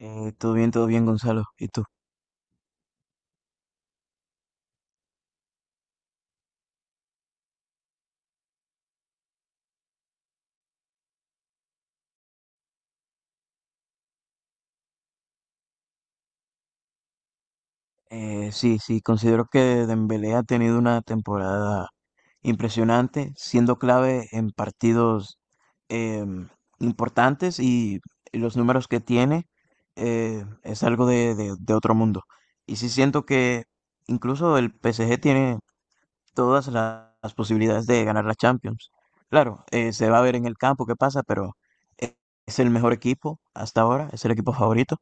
Todo bien, Gonzalo. ¿Y tú? Sí, sí, considero que Dembélé ha tenido una temporada impresionante, siendo clave en partidos em, importantes y los números que tiene es algo de otro mundo. Y sí siento que incluso el PSG tiene todas las posibilidades de ganar la Champions. Claro, se va a ver en el campo qué pasa, pero eh, es el mejor equipo hasta ahora, es el equipo favorito.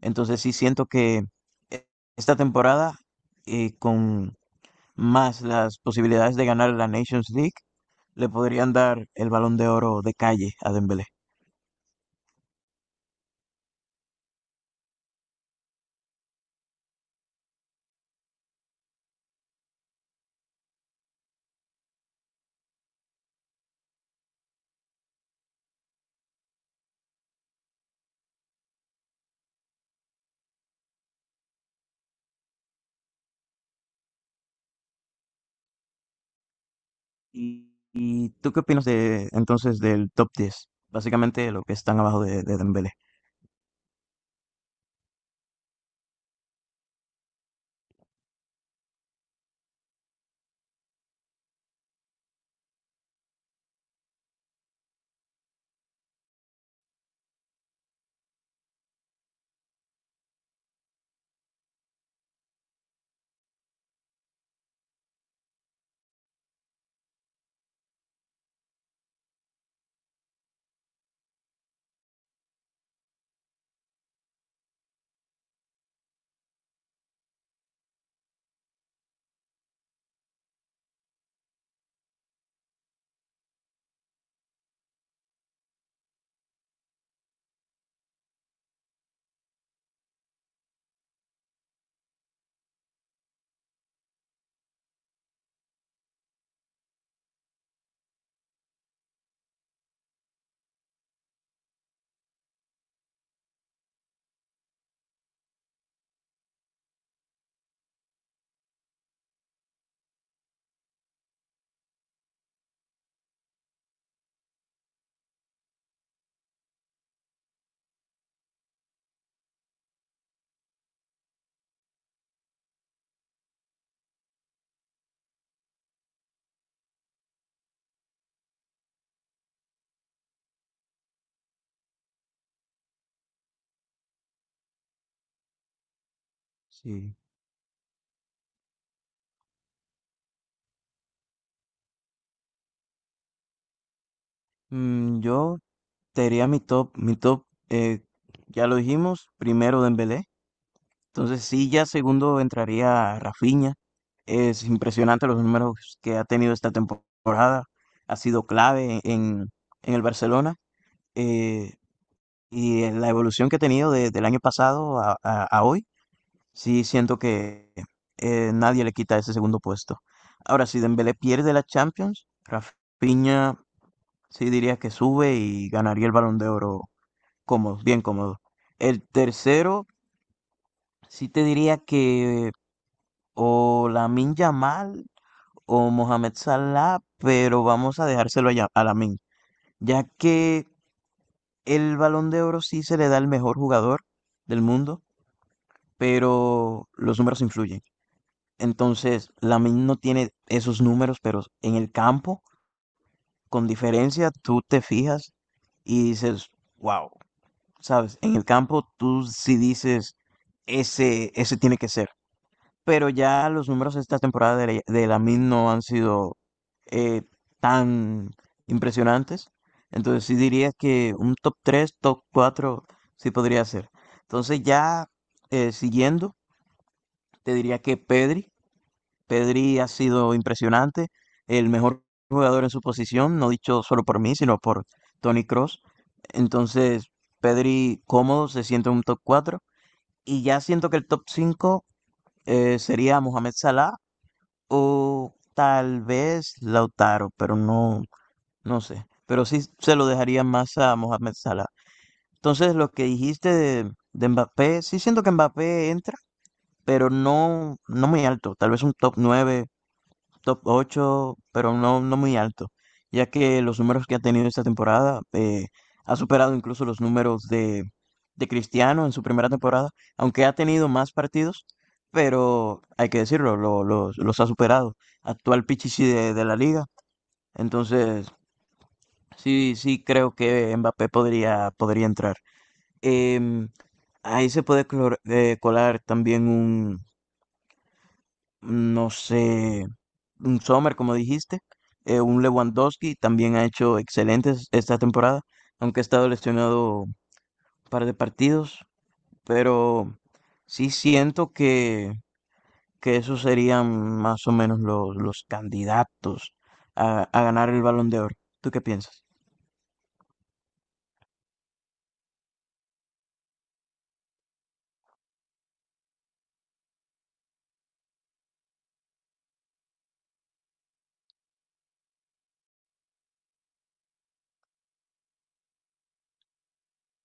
Entonces sí siento que eh, esta temporada, con más las posibilidades de ganar la Nations League, le podrían dar el Balón de Oro de calle a Dembélé. Y tú qué opinas de entonces del top diez? Básicamente lo que están abajo de Dembélé. Sí. Mm, yo te diría mi top, eh, ya lo dijimos, primero Dembélé. Entonces sí, ya segundo entraría Rafinha. Es impresionante los números que ha tenido esta temporada. Ha sido clave en el Barcelona. eh, y en la evolución que ha tenido del año pasado a, a hoy, sí siento que nadie le quita ese segundo puesto. Ahora, si Dembélé pierde la Champions, Rafinha sí diría que sube y ganaría el Balón de Oro cómodo, bien cómodo. El tercero, sí te diría que o Lamine Yamal o Mohamed Salah, pero vamos a dejárselo a, a Lamine, ya que el Balón de Oro sí se le da al mejor jugador del mundo, pero los números influyen. Entonces, Lamine no tiene esos números, pero en el campo, con diferencia, tú te fijas y dices, wow, ¿sabes? En el campo tú sí dices, ese tiene que ser. Pero ya los números de esta temporada de Lamine no han sido eh, tan impresionantes. Entonces sí diría que un top tres, top 4 sí podría ser. Entonces ya siguiendo, te diría que Pedri. Pedri ha sido impresionante, el mejor jugador en su posición, no dicho solo por mí, sino por Tony Cross. Entonces Pedri cómodo se siente en un top cuatro. Y ya siento que el top cinco sería Mohamed Salah o tal vez Lautaro, pero no, no sé. Pero sí se lo dejaría más a Mohamed Salah. Entonces, lo que dijiste de Mbappé, sí siento que Mbappé entra, pero no, no muy alto. Tal vez un top nueve, top ocho, pero no, no muy alto, ya que los números que ha tenido esta temporada ha superado incluso los números de Cristiano en su primera temporada, aunque ha tenido más partidos, pero hay que decirlo, los ha superado. Actual Pichichi de la liga, entonces sí, sí creo que Mbappé podría, podría entrar. Em, Ahí se puede colar también, no sé, un Sommer, como dijiste, un Lewandowski también ha hecho excelentes esta temporada, aunque ha estado lesionado un par de partidos, pero sí siento que esos serían más o menos los candidatos a ganar el Balón de Oro. ¿Tú qué piensas?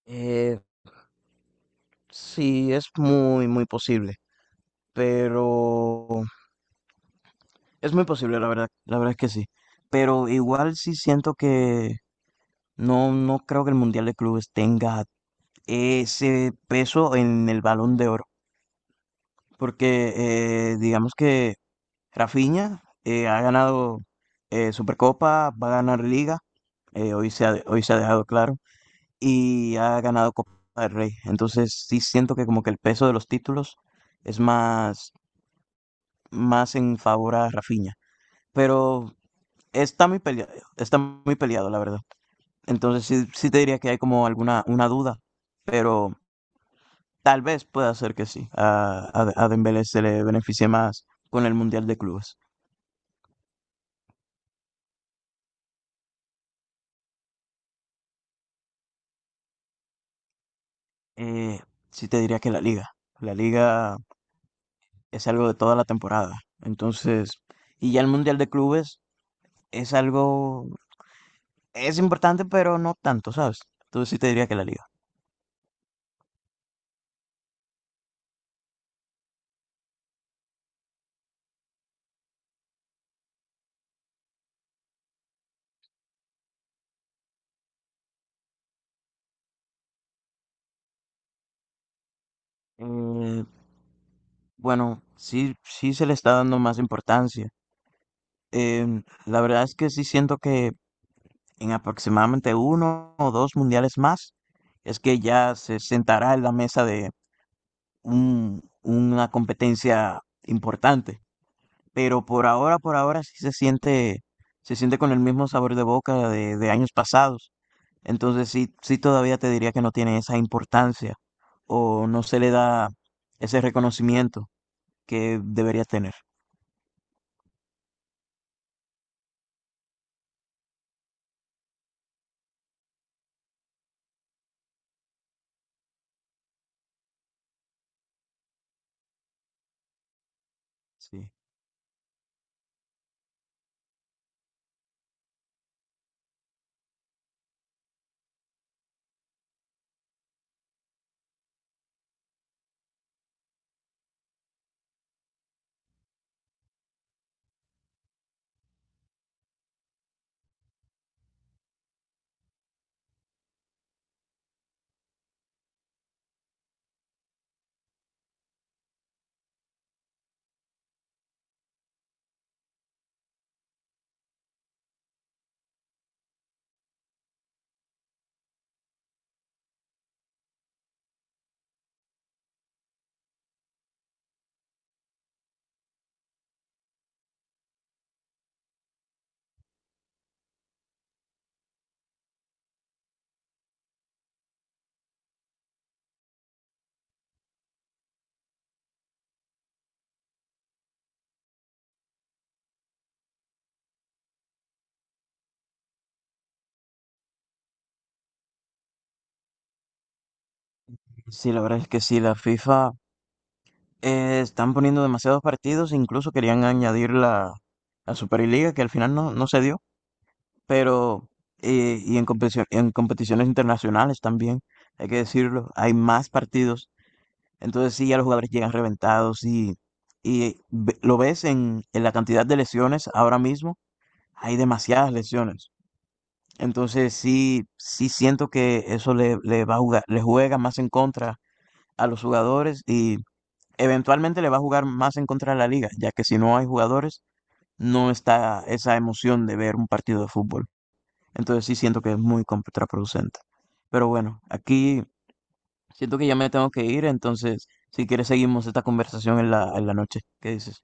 Eh, sí, es muy, muy posible, pero es muy posible, la verdad es que sí. Pero igual sí siento que, no, no creo que el Mundial de Clubes tenga ese peso en el Balón de Oro, porque digamos que Rafinha ha ganado Supercopa, va a ganar Liga, hoy se ha dejado claro, y ha ganado Copa del Rey. Entonces sí siento que como que el peso de los títulos es más, más en favor a Rafinha, pero está muy peleado, está muy peleado, la verdad. Entonces sí, sí te diría que hay como alguna una duda, pero... Tal vez pueda ser que sí. A Dembélé se le beneficie más con el Mundial de Clubes. Eh, sí te diría que la Liga. La Liga es algo de toda la temporada. Entonces, y ya el Mundial de Clubes es algo, es importante, pero no tanto, ¿sabes? Entonces sí te diría que la Liga. Eh, bueno, sí, sí se le está dando más importancia. La verdad es que sí siento que en aproximadamente uno o dos mundiales más, es que ya se sentará en la mesa de una competencia importante. Pero por ahora sí se siente con el mismo sabor de boca de años pasados. Entonces sí, sí todavía te diría que no tiene esa importancia o no se le da ese reconocimiento que deberías tener. Sí. Sí, la verdad es que sí, la FIFA están poniendo demasiados partidos, incluso querían añadir la Superliga, que al final no, no se dio, pero y en competición, en competiciones internacionales también, hay que decirlo, hay más partidos. Entonces sí, ya los jugadores llegan reventados y lo ves en la cantidad de lesiones ahora mismo, hay demasiadas lesiones. Entonces sí, sí siento que eso le va a jugar, le juega más en contra a los jugadores y eventualmente le va a jugar más en contra a la liga, ya que si no hay jugadores, no está esa emoción de ver un partido de fútbol. Entonces sí siento que es muy contraproducente. Pero bueno, aquí siento que ya me tengo que ir, entonces si quieres seguimos esta conversación en la noche. ¿Qué dices?